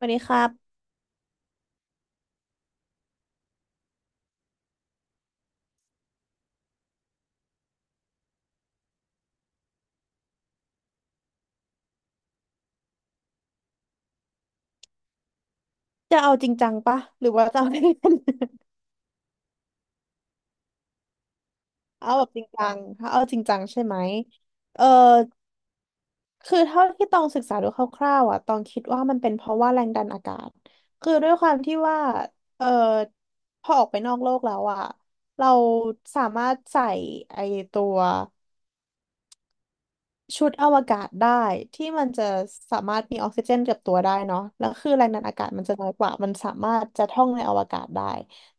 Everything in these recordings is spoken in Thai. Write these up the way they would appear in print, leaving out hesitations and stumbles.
วันนี้ครับ จะเอาจริงจังปะหรือว่าจะเอาเล่นๆ เอาแบบจริงจังถ้าเอาจริงจังใช่ไหมเออคือเท่าที่ต้องศึกษาดูคร่าวๆอ่ะต้องคิดว่ามันเป็นเพราะว่าแรงดันอากาศคือด้วยความที่ว่าเออพอออกไปนอกโลกแล้วอ่ะเราสามารถใส่ไอตัว ชุดอวกาศได้ที่มันจะสามารถมีออกซิเจนกับตัวได้เนาะแล้วคือแรงดันอากาศมันจะน้อยกว่ามันสามารถจะท่องในอวกาศได้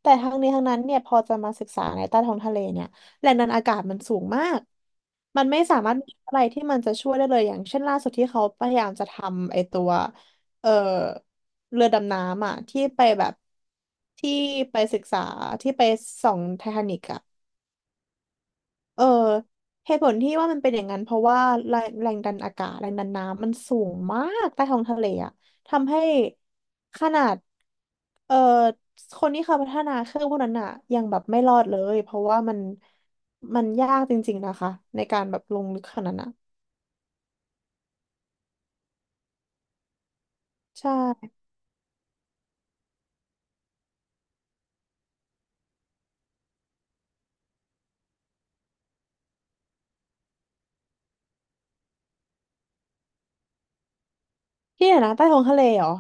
แต่ทั้งนี้ทั้งนั้นเนี่ยพอจะมาศึกษาในใต้ท้องทะเลเนี่ยแรงดันอากาศมันสูงมากมันไม่สามารถมีอะไรที่มันจะช่วยได้เลยอย่างเช่นล่าสุดที่เขาพยายามจะทำไอตัวเอ่อเรือดำน้ำอ่ะที่ไปแบบที่ไปศึกษาที่ไปส่องไททานิกอ่ะ เออเหตุผลที่ว่ามันเป็นอย่างนั้นเพราะว่าแรงแรงดันอากาศแรงดันน้ำมันสูงมากใต้ท้องทะเลอะทำให้ขนาดเออคนที่เขาพัฒนาเครื่องพวกนั้นอะยังแบบไม่รอดเลยเพราะว่ามันยากจริงๆนะคะในการแบบลงลึกขนาดนั้นอะใช่ที่ไหนนะใต้ท้องทะเลเหรอ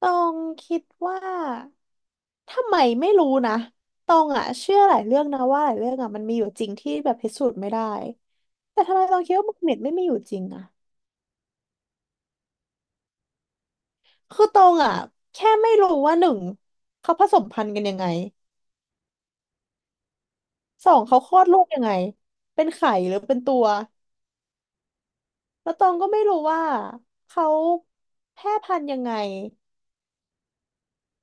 ตองคิดว่าทำไมไม่รู้นะตองอะเชื่อหลายเรื่องนะว่าหลายเรื่องอะมันมีอยู่จริงที่แบบพิสูจน์ไม่ได้แต่ทำไมตองคิดว่ามักเน็ตไม่มีอยู่จริงอะคือตองอะแค่ไม่รู้ว่าหนึ่งเขาผสมพันธุ์กันยังไงสองเขาคลอดลูกยังไงเป็นไข่หรือเป็นตัวแล้วตองก็ไม่รู้ว่าเขาแพร่พันธุ์ยังไง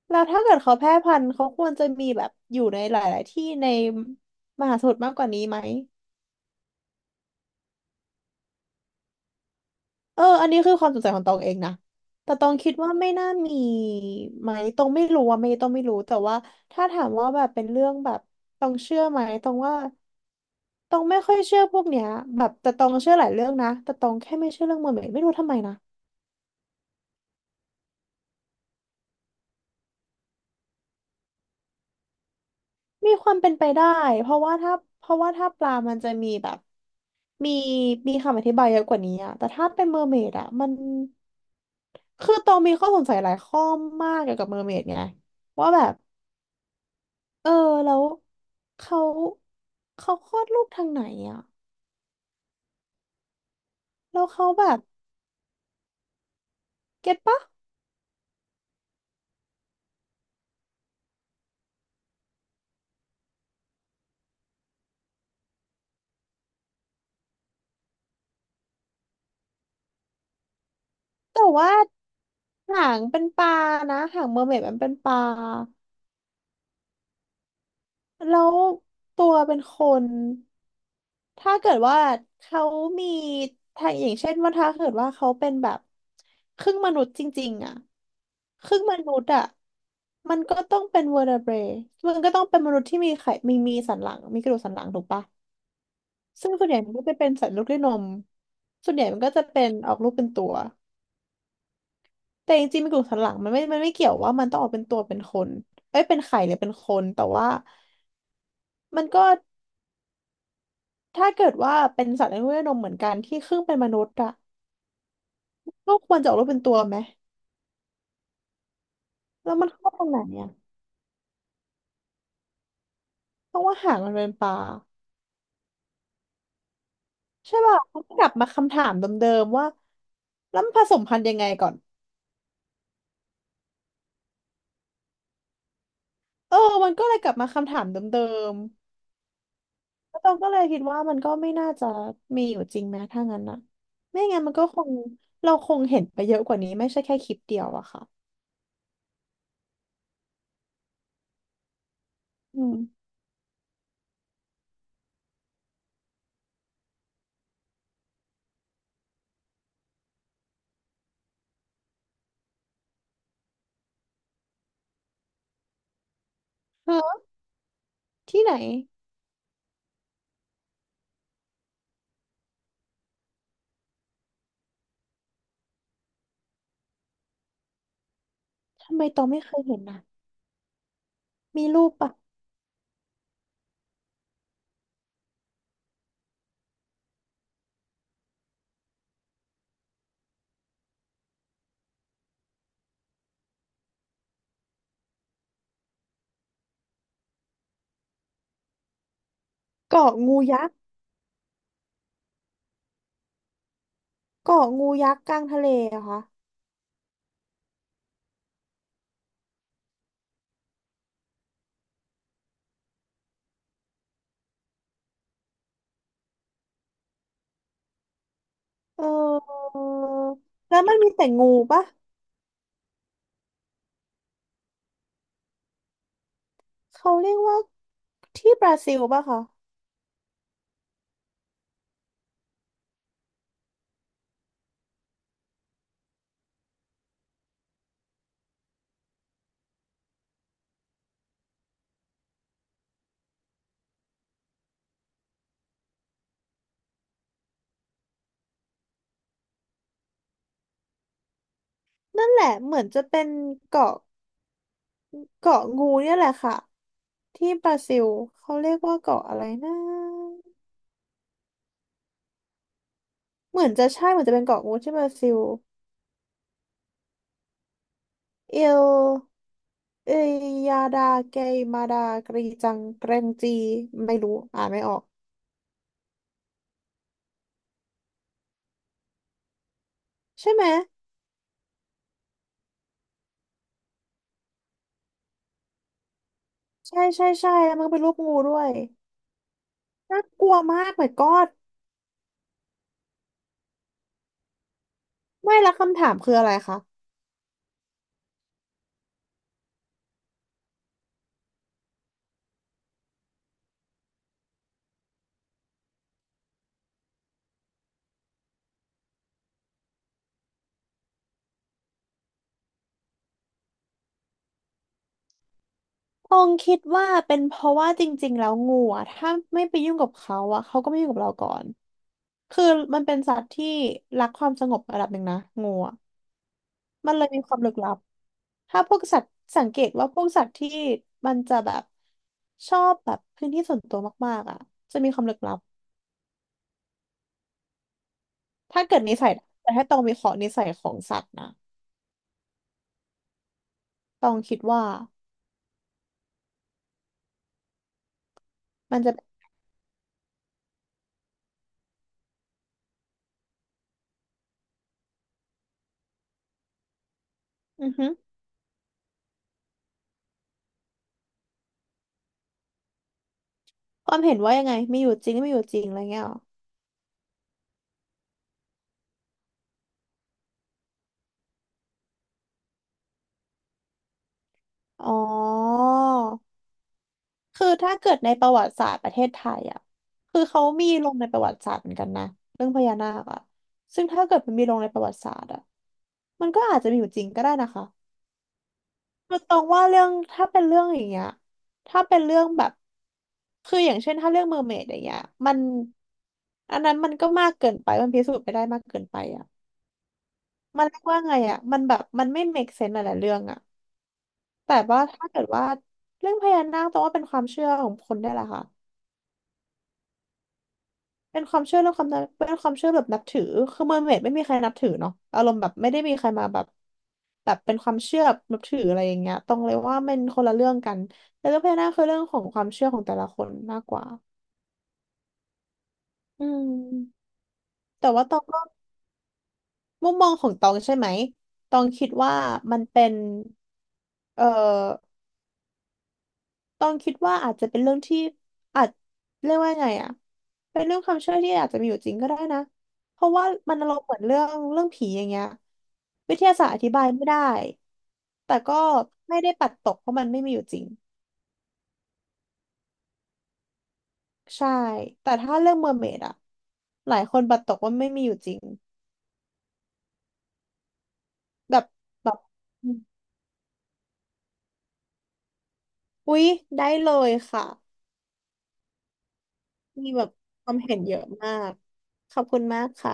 แล้วถ้าเกิดเขาแพร่พันธุ์เขาควรจะมีแบบอยู่ในหลายๆที่ในมหาสมุทรมากกว่านี้ไหม เออ อันนี้คือความสงสัยของตองเองนะ แต่ตองคิดว่าไม่น่ามีไหมตองไม่รู้อะไม่ตองไม่รู้แต่ว่าถ้าถามว่าแบบเป็นเรื่องแบบตองเชื่อไหมตองว่าตองไม่ค่อยเชื่อพวกเนี้ยแบบแต่ตองเชื่อหลายเรื่องนะแต่ตองแค่ไม่เชื่อเรื่องเมอร์เหมดไม่รู้ทำไมนะมีความเป็นไปได้เพราะว่าถ้าเพราะว่าถ้าปลามันจะมีแบบมีมีคำอธิบายเยอะกว่านี้อะแต่ถ้าเป็นเมอร์เมดอะมันคือตองมีข้อสงสัยหลายข้อมากเกี่ยวกับเมอร์เมดไงว่าแบบ เออแล้วเขาเขาคลอดลูกทางไหนอ่ะแล้วเขาแบบเก็ตปะแต่ว่าหางเป็นปลานะหางเมอร์เมดมันเป็นปลาแล้วตัวเป็นคนถ้าเกิดว่าเขามีถ้าอย่างเช่นว่าถ้าเกิดว่าเขาเป็นแบบครึ่งมนุษย์จริงๆอ่ะครึ่งมนุษย์อ่ะมันก็ต้องเป็นเวอร์เบรมันก็ต้องเป็นมนุษย์ที่มีไขมีมีสันหลังมีกระดูกสันหลังถูกปะ ซึ่งส่วนใหญ่มันก็จะเป็นสัตว์ลูกด้วยนมส่วนใหญ่มันก็จะเป็นออกลูกเป็นตัวแต่จริงๆมีกลุ่มสันหลังมันไม่เกี่ยวว่ามันต้องออกเป็นตัวเป็นคนเอ้ยเป็นไข่หรือเป็นคน แต่ว่ามันก็ถ้าเกิดว่าเป็นสัตว์ลูกด้วยนมเหมือนกันที่ครึ่งเป็นมนุษย์อะก็ควรจะออกลูกเป็นตัวไหมแล้วมันเข้าตรงไหนเนี่ยเพราะว่าหางมันเป็นปลาใช่ป่ะมันกลับมาคำถามเดิมๆว่าแล้วมันผสมพันธุ์ยังไงก่อนเออมันก็เลยกลับมาคำถามเดิม ตองก็เลยคิดว่ามันก็ไม่น่าจะมีอยู่จริงไหมถ้างั้นนะไม่งั้นมันก็คงเราคงเห็นไปเยอะกว่านี้ไม่ใช่แค่คลิปเดียวอะค่ะอืมฮะที่ไหนทำไมตองไม่เคยเห็นนะมีรูปปะเกาะงูยักษ์เกาะงูยักษ์กลางทะเลอะคะเออแล้วมันมีแต่งูปะเขาเรียกว่าที่บราซิลปะคะนั่นแหละเหมือนจะเป็นเกาะเกาะงูเนี่ยแหละค่ะที่บราซิลเขาเรียกว่าเกาะอะไรนะ เหมือนจะใช่เหมือนจะเป็นเกาะกูดที่บราซิลเอลเอยาดาเกยมาดากรีจังเกรงจีไม่รู้อ่านไม่ออกใช่ไหมใช่ใช่ใช่แล้วมันก็เป็นรูปงูด้วยน่ากลัวมากเหมือนกอดไม่และคำถามคืออะไรคะตองคิดว่าเป็นเพราะว่าจริงๆแล้วงูอ่ะถ้าไม่ไปยุ่งกับเขาอ่ะเขาก็ไม่ยุ่งกับเราก่อนคือมันเป็นสัตว์ที่รักความสงบระดับหนึ่งนะงูอะ มันเลยมีความลึกลับถ้าพวกสัตว์สังเกตว่าพวกสัตว์ที่มันจะแบบชอบแบบพื้นที่ส่วนตัวมากๆอ่ะจะมีความลึกลับ ถ้าเกิดนิสัยนะแต่ถ้าต้องมีขอนิสัยของสัตว์นะต้องคิดว่ามันจะอือฮึความเห็นว่ายังไงมีอยู่จริงไม่อยู่จริงอะไรเงี้ยหรออ๋อคือถ้าเกิดในประวัติศาสตร์ประเทศไทยอ่ะคือเขามีลงในประวัติศาสตร์เหมือนกันนะเรื่องพญานาคอ่ะซึ่งถ้าเกิดมันมีลงในประวัติศาสตร์อ่ะมันก็อาจจะมีอยู่จริงก็ได้นะคะ คือตรงว่าเรื่องถ้าเป็นเรื่องอย่างเงี้ยถ้าเป็นเรื่องแบบคืออย่างเช่นถ้าเรื่องเมอร์เมดอย่างเงี้ยมันอันนั้นมันก็มากเกินไปมันพิสูจน์ไม่ได้มากเกินไปอ่ะมันเรียกว่าไงอ่ะมันแบบมันไม่ make sense หลายๆเรื่องอ่ะแต่ว่าถ้าเกิดว่าเรื่องพญานาคตรงว่าเป็นความเชื่อของคนได้แหละค่ะ เป็นความเชื่อเรื่องความนับเป็นความเชื่อแบบนับถือคือเมอร์เมดไม่มีใครนับถือเนาะอารมณ์แบบไม่ได้มีใครมาแบบแบบเป็นความเชื่อนับถืออะไรอย่างเงี้ยตรงเลยว่ามันคนละเรื่องกันแต่เรื่องพญานาคคือเรื่องของความเชื่อของแต่ละคนมากกว่าอืมแต่ว่าตองก็มุมมองของตองใช่ไหมตองคิดว่ามันเป็นเอ่อ ต้องคิดว่าอาจจะเป็นเรื่องที่อาจเรียกว่าไงอ่ะเป็นเรื่องความเชื่อที่อาจจะมีอยู่จริงก็ได้นะเพราะว่ามันอารมณ์เหมือนเรื่องผีอย่างเงี้ยวิทยาศาสตร์อธิบายไม่ได้แต่ก็ไม่ได้ปัดตกเพราะมันไม่มีอยู่จริงใช่แต่ถ้าเรื่องเมอร์เมดอ่ะหลายคนปัดตกว่าไม่มีอยู่จริงแบบแบบอมอุ๊ยได้เลยค่ะมีแบบความเห็นเยอะมากขอบคุณมากค่ะ